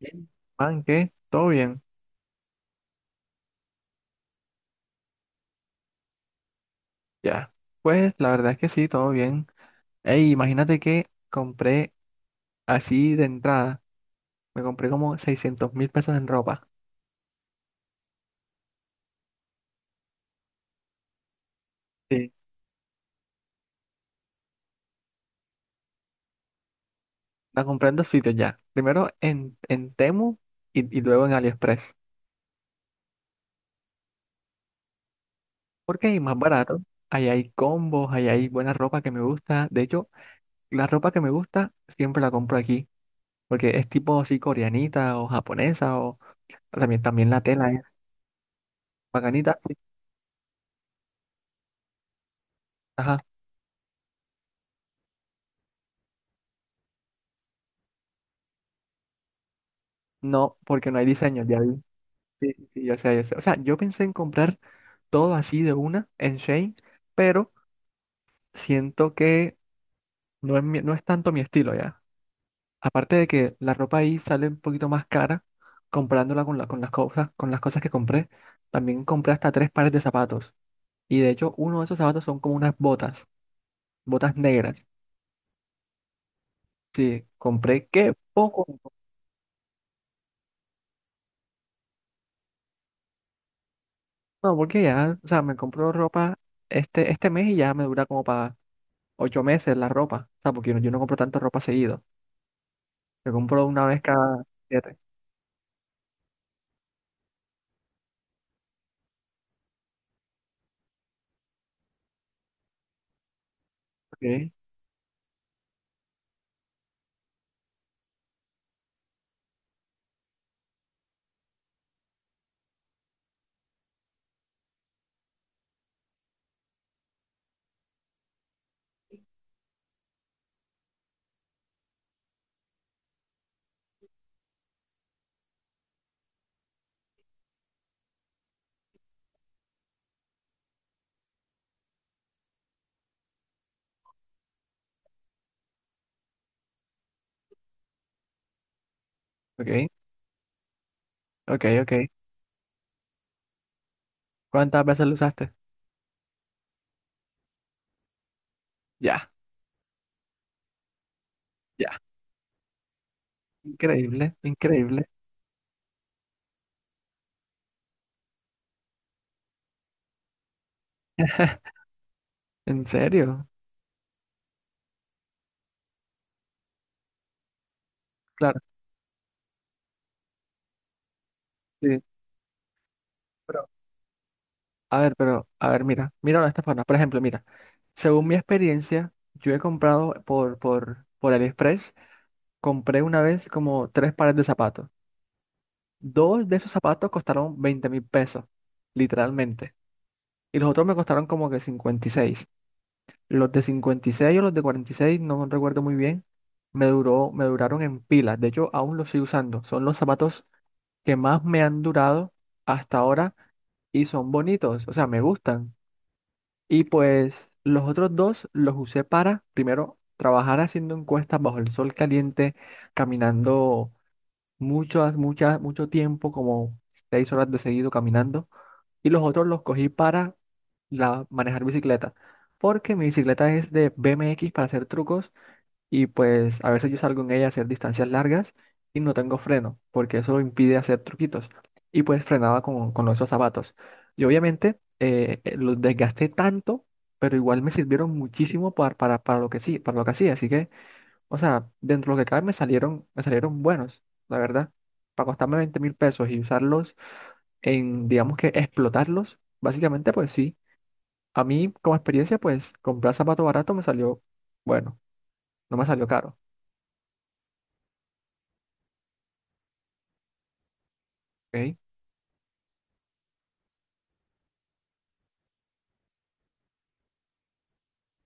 Bien. Man, ¿qué? ¿Todo bien? Ya. Pues la verdad es que sí, todo bien. Ey, imagínate que compré así de entrada, me compré como 600.000 pesos en ropa. Sí. La compré en dos sitios ya. Primero en Temu y luego en AliExpress. Porque es más barato. Ahí hay combos, ahí hay buena ropa que me gusta. De hecho, la ropa que me gusta siempre la compro aquí. Porque es tipo así coreanita o japonesa o también, también la tela es bacanita. Ajá. No, porque no hay diseño, ya vi. Sí, sí, sí, yo sé, yo sé. O sea, yo pensé en comprar todo así de una en Shane, pero siento que no es tanto mi estilo ya. Aparte de que la ropa ahí sale un poquito más cara comprándola con las cosas que compré. También compré hasta tres pares de zapatos. Y de hecho, uno de esos zapatos son como unas botas, botas negras. Sí, compré qué poco. No, porque ya, o sea, me compro ropa este mes y ya me dura como para 8 meses la ropa. O sea, porque yo no compro tanta ropa seguido. Yo compro una vez cada siete. Ok, ok, ok, ok. ¿Cuántas veces lo usaste? Ya, ya. Increíble, increíble. ¿En serio? Claro, sí. Pero, pero, a ver, mira, míralo de esta forma. Por ejemplo, mira, según mi experiencia, yo he comprado por AliExpress, compré una vez como tres pares de zapatos. Dos de esos zapatos costaron 20 mil pesos, literalmente. Y los otros me costaron como que 56. Los de 56 o los de 46 no recuerdo muy bien, me duraron en pilas. De hecho, aún los sigo usando. Son los zapatos que más me han durado hasta ahora y son bonitos, o sea, me gustan. Y pues los otros dos los usé para, primero, trabajar haciendo encuestas bajo el sol caliente, caminando mucho tiempo, como 6 horas de seguido caminando. Y los otros los cogí para la, manejar bicicleta, porque mi bicicleta es de BMX para hacer trucos y pues a veces yo salgo en ella a hacer distancias largas y no tengo freno, porque eso impide hacer truquitos. Y pues frenaba con esos zapatos. Y obviamente los desgasté tanto, pero igual me sirvieron muchísimo para lo que sí, para lo que hacía. Así que, o sea, dentro de lo que cabe me salieron buenos, la verdad. Para costarme 20.000 pesos y usarlos en, digamos que explotarlos, básicamente pues sí. A mí, como experiencia, pues comprar zapato barato me salió, bueno, no me salió caro, ¿ok?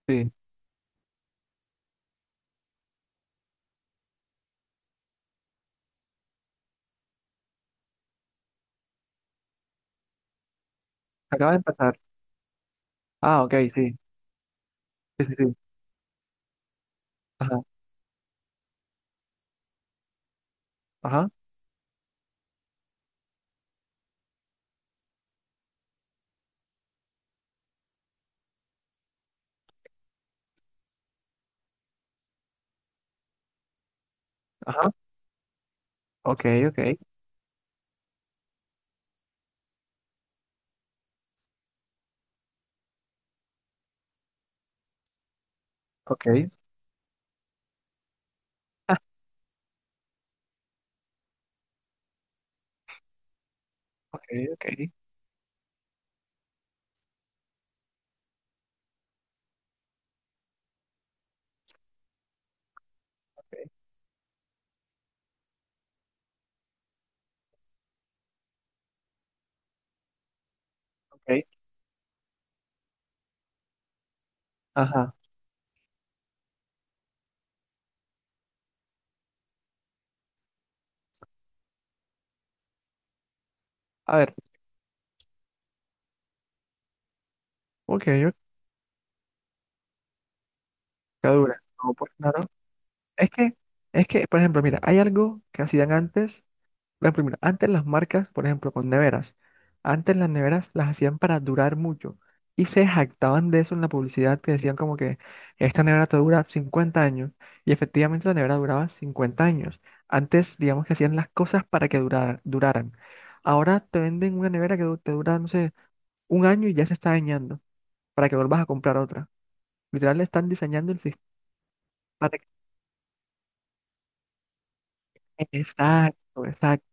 Sí, acaba de empezar. Ah, ok, sí, sí, sí, sí. Ajá, ajá, ajá, ok, ok, ok, ah, ok, ok, ok, ok, ajá. A ver, ok, ok, dura. No, pues claro. Es que, es que, por ejemplo, mira, hay algo que hacían antes. La primera, antes las marcas, por ejemplo, con neveras, antes las neveras las hacían para durar mucho y se jactaban de eso en la publicidad que decían como que esta nevera te dura 50 años y efectivamente la nevera duraba 50 años. Antes, digamos que hacían las cosas para que duraran. Ahora te venden una nevera que te dura, no sé, un año y ya se está dañando para que vuelvas a comprar otra. Literal, le están diseñando el sistema para que... Exacto, exacto,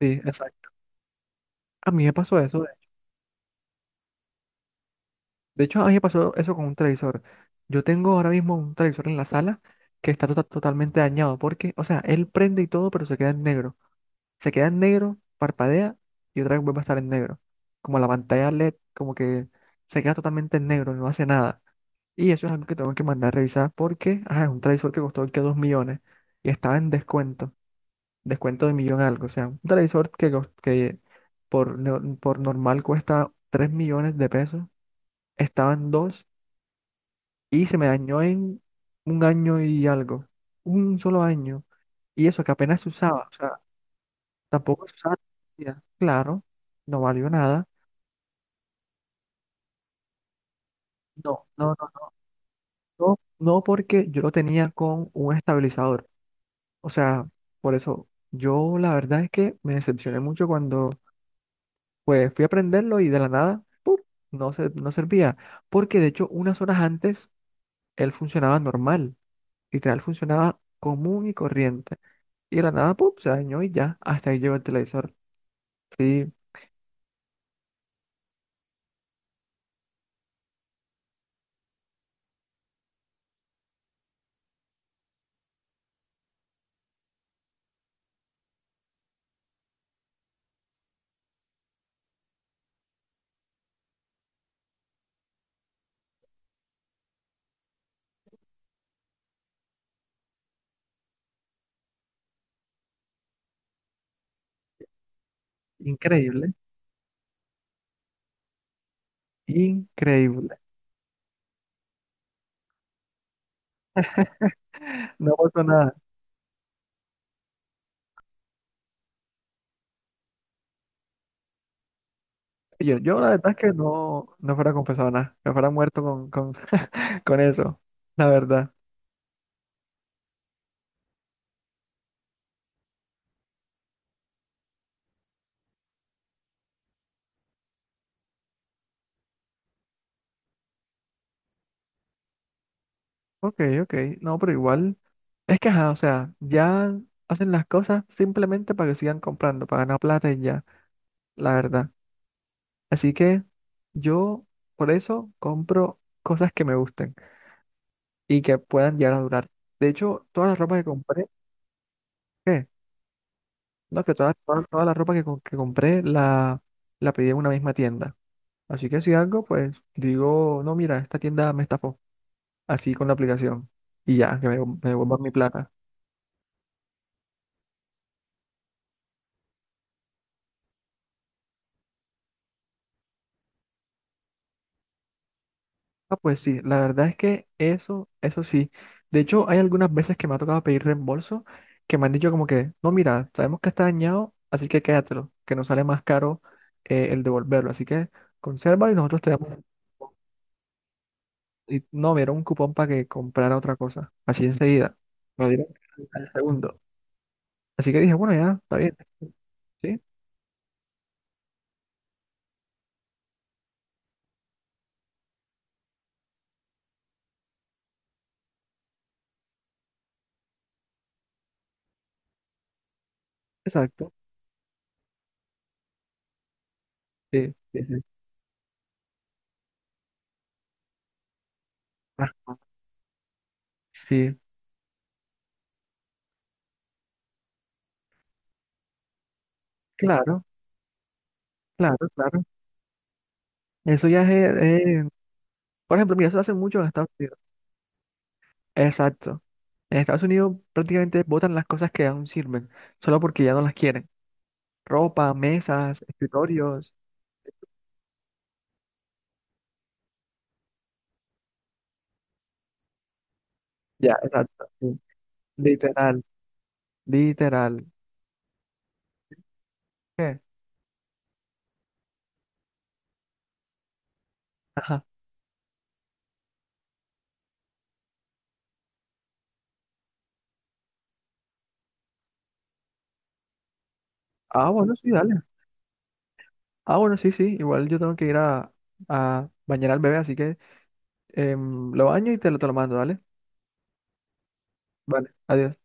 sí, exacto. A mí me pasó eso. De hecho, a mí me pasó eso con un televisor. Yo tengo ahora mismo un televisor en la sala que está totalmente dañado porque, o sea, él prende y todo, pero se queda en negro. Se queda en negro, parpadea y otra vez vuelve a estar en negro. Como la pantalla LED, como que se queda totalmente en negro, no hace nada. Y eso es algo que tengo que mandar a revisar porque, ah, es un televisor que costó que 2 millones y estaba en descuento, descuento de millón algo. O sea, un televisor que por, no- por normal cuesta 3 millones de pesos, estaban dos y se me dañó en un año y algo. Un solo año. Y eso que apenas se usaba. O sea, tampoco se usaba todo el día. Claro, no valió nada. No, no, no, no, no porque yo lo tenía con un estabilizador. O sea, por eso yo la verdad es que me decepcioné mucho cuando pues fui a prenderlo y de la nada, ¡pum! No servía. Porque de hecho unas horas antes él funcionaba normal. Literal funcionaba común y corriente. Y de la nada, ¡pum! Se dañó y ya. Hasta ahí llegó el televisor. Sí, increíble. Increíble. No pasó nada. Yo la verdad es que no fuera confesado nada. Me fuera muerto con eso. La verdad. Ok, ok. No, pero igual. Es que, ajá, o sea, ya hacen las cosas simplemente para que sigan comprando, para ganar plata y ya. La verdad. Así que yo, por eso, compro cosas que me gusten y que puedan llegar a durar. De hecho, todas las ropas que compré, ¿qué? No, que toda, toda, toda la ropa que compré la, la pedí en una misma tienda. Así que si algo, pues digo, no, mira, esta tienda me estafó. Así con la aplicación. Y ya, que me devuelvan mi plata. Ah, pues sí, la verdad es que eso sí. De hecho, hay algunas veces que me ha tocado pedir reembolso que me han dicho como que, no, mira, sabemos que está dañado, así que quédatelo, que nos sale más caro el devolverlo. Así que consérvalo y nosotros te damos. Y no, me dieron un cupón para que comprara otra cosa. Así enseguida. Me lo dieron al segundo. Así que dije, bueno, ya, está bien. Sí, exacto. Sí, sí, sí. Ah, sí, claro, claro, claro. Eso ya es, por ejemplo, mira, eso lo hacen mucho en Estados Unidos. Exacto. En Estados Unidos prácticamente botan las cosas que aún sirven, solo porque ya no las quieren. Ropa, mesas, escritorios. Ya, exacto. Sí. Literal, literal. ¿Qué? Ajá. Ah, bueno, sí, dale. Ah, bueno, sí, sí, igual yo tengo que ir a bañar al bebé, así que lo baño y te lo mando, ¿vale? Vale, adiós.